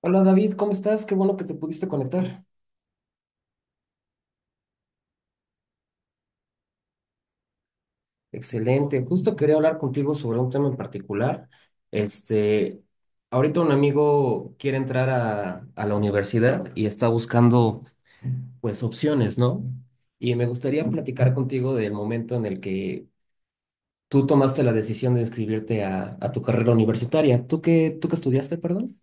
Hola David, ¿cómo estás? Qué bueno que te pudiste conectar. Excelente. Justo quería hablar contigo sobre un tema en particular. Este, ahorita un amigo quiere entrar a la universidad y está buscando, pues, opciones, ¿no? Y me gustaría platicar contigo del momento en el que tú tomaste la decisión de inscribirte a tu carrera universitaria. ¿Tú qué estudiaste, perdón?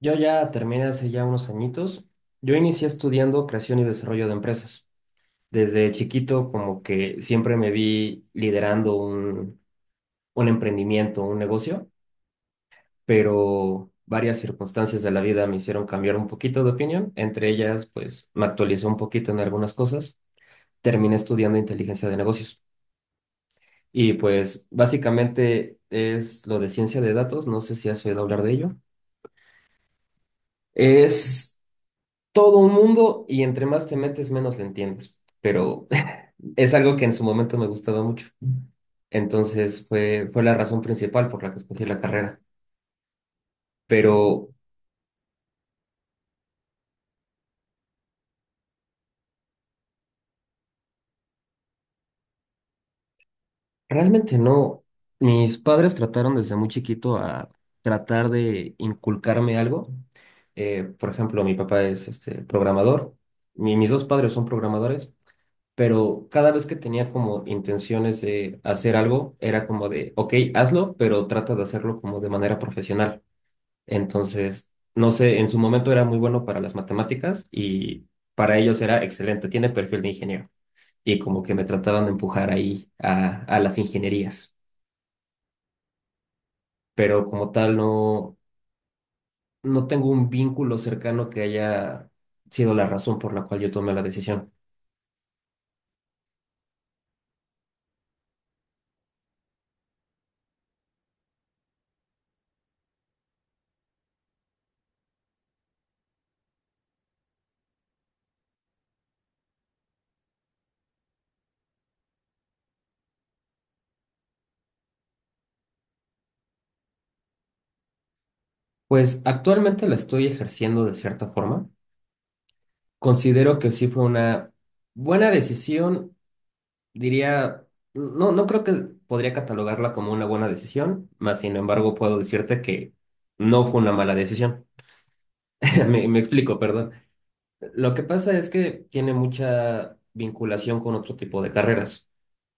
Yo ya terminé hace ya unos añitos. Yo inicié estudiando creación y desarrollo de empresas. Desde chiquito como que siempre me vi liderando un emprendimiento, un negocio, pero varias circunstancias de la vida me hicieron cambiar un poquito de opinión. Entre ellas, pues me actualicé un poquito en algunas cosas. Terminé estudiando inteligencia de negocios. Y pues básicamente es lo de ciencia de datos. No sé si has oído hablar de ello. Es todo un mundo y entre más te metes, menos le entiendes. Pero es algo que en su momento me gustaba mucho. Entonces fue la razón principal por la que escogí la carrera. Pero realmente no. Mis padres trataron desde muy chiquito a tratar de inculcarme algo. Por ejemplo, mi papá es programador. Mis dos padres son programadores. Pero cada vez que tenía como intenciones de hacer algo, era como de, ok, hazlo, pero trata de hacerlo como de manera profesional. Entonces, no sé, en su momento era muy bueno para las matemáticas y para ellos era excelente, tiene perfil de ingeniero. Y como que me trataban de empujar ahí a las ingenierías. Pero como tal, no, no tengo un vínculo cercano que haya sido la razón por la cual yo tomé la decisión. Pues actualmente la estoy ejerciendo de cierta forma. Considero que sí fue una buena decisión. Diría, no, no creo que podría catalogarla como una buena decisión, más sin embargo puedo decirte que no fue una mala decisión. Me explico, perdón. Lo que pasa es que tiene mucha vinculación con otro tipo de carreras.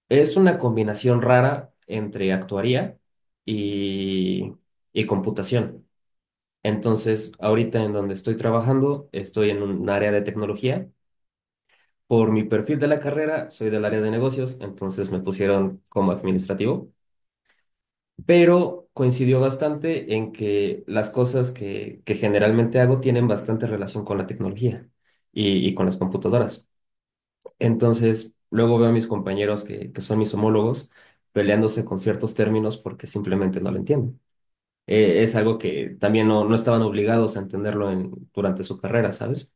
Es una combinación rara entre actuaría y, y computación. Entonces, ahorita en donde estoy trabajando, estoy en un área de tecnología. Por mi perfil de la carrera, soy del área de negocios, entonces me pusieron como administrativo. Pero coincidió bastante en que las cosas que generalmente hago tienen bastante relación con la tecnología y con las computadoras. Entonces, luego veo a mis compañeros que son mis homólogos peleándose con ciertos términos porque simplemente no lo entienden. Es algo que también no, no estaban obligados a entenderlo en, durante su carrera, ¿sabes?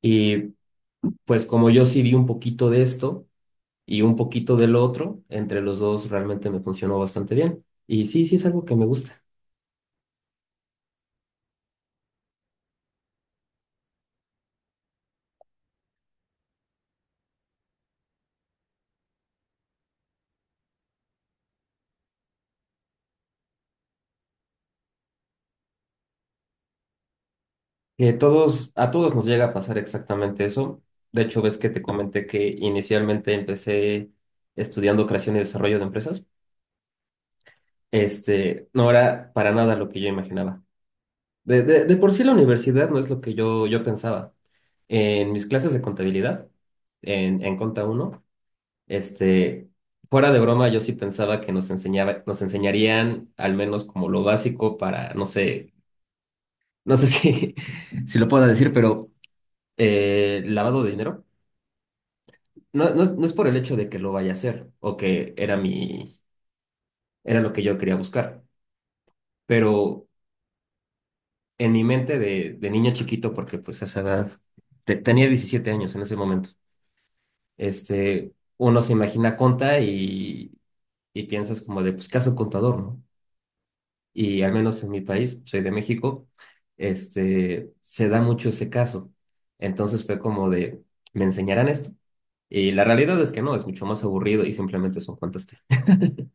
Y pues como yo sí vi un poquito de esto y un poquito del otro, entre los dos realmente me funcionó bastante bien. Y sí, sí es algo que me gusta. Que todos, a todos nos llega a pasar exactamente eso. De hecho, ves que te comenté que inicialmente empecé estudiando creación y desarrollo de empresas. Este, no era para nada lo que yo imaginaba. De por sí la universidad no es lo que yo pensaba. En mis clases de contabilidad, en Conta uno este, fuera de broma, yo sí pensaba que nos enseñaba, nos enseñarían al menos como lo básico para, no sé, no sé si, si lo puedo decir, pero lavado de dinero. No, no, es no es por el hecho de que lo vaya a hacer o que era era lo que yo quería buscar, pero en mi mente de niño chiquito, porque pues a esa edad, tenía 17 años en ese momento, uno se imagina conta y piensas como de, pues, ¿qué hace un contador, no? Y al menos en mi país, soy de México, se da mucho ese caso. Entonces fue como de, ¿me enseñarán esto? Y la realidad es que no, es mucho más aburrido y simplemente son cuentas.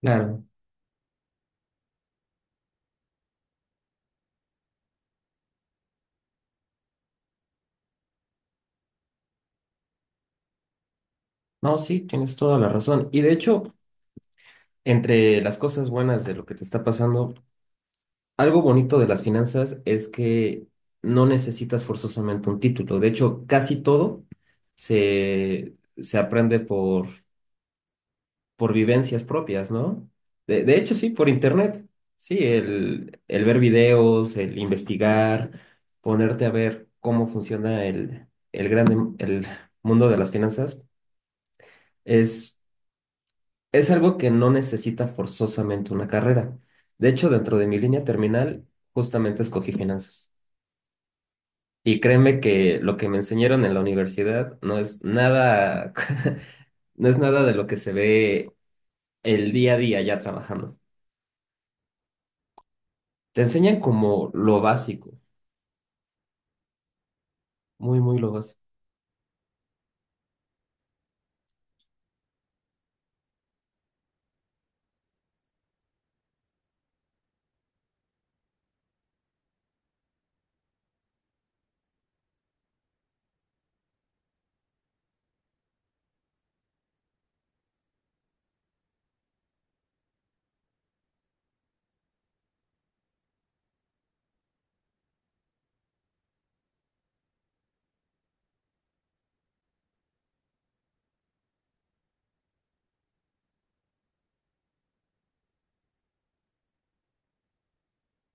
Claro. No, sí, tienes toda la razón. Y de hecho, entre las cosas buenas de lo que te está pasando, algo bonito de las finanzas es que no necesitas forzosamente un título. De hecho, casi todo se aprende por vivencias propias, ¿no? Sí, por internet. Sí, el ver videos, el investigar, ponerte a ver cómo funciona el grande, el mundo de las finanzas es. Es algo que no necesita forzosamente una carrera. De hecho, dentro de mi línea terminal, justamente escogí finanzas. Y créeme que lo que me enseñaron en la universidad no es nada, no es nada de lo que se ve el día a día ya trabajando. Te enseñan como lo básico, muy, muy lo básico.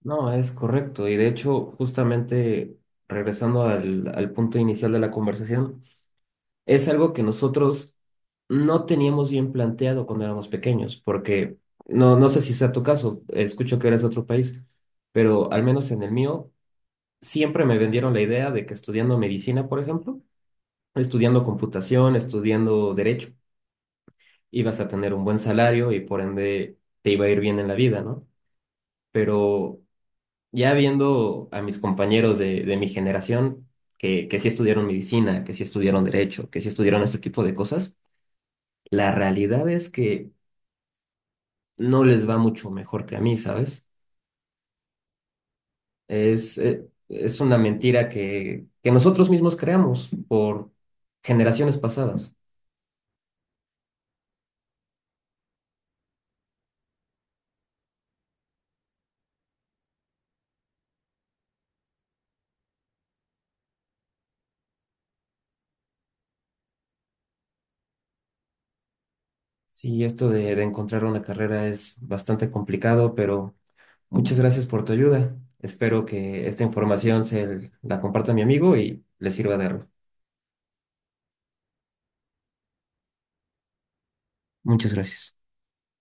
No, es correcto. Y de hecho, justamente regresando al punto inicial de la conversación, es algo que nosotros no teníamos bien planteado cuando éramos pequeños, porque no, no sé si sea tu caso, escucho que eres de otro país, pero al menos en el mío siempre me vendieron la idea de que estudiando medicina, por ejemplo, estudiando computación, estudiando derecho, ibas a tener un buen salario y por ende te iba a ir bien en la vida, ¿no? Pero ya viendo a mis compañeros de mi generación, que sí estudiaron medicina, que sí estudiaron derecho, que sí estudiaron este tipo de cosas, la realidad es que no les va mucho mejor que a mí, ¿sabes? Es una mentira que nosotros mismos creamos por generaciones pasadas. Sí, esto de encontrar una carrera es bastante complicado, pero muchas gracias por tu ayuda. Espero que esta información se la comparta a mi amigo y le sirva de algo. Muchas gracias.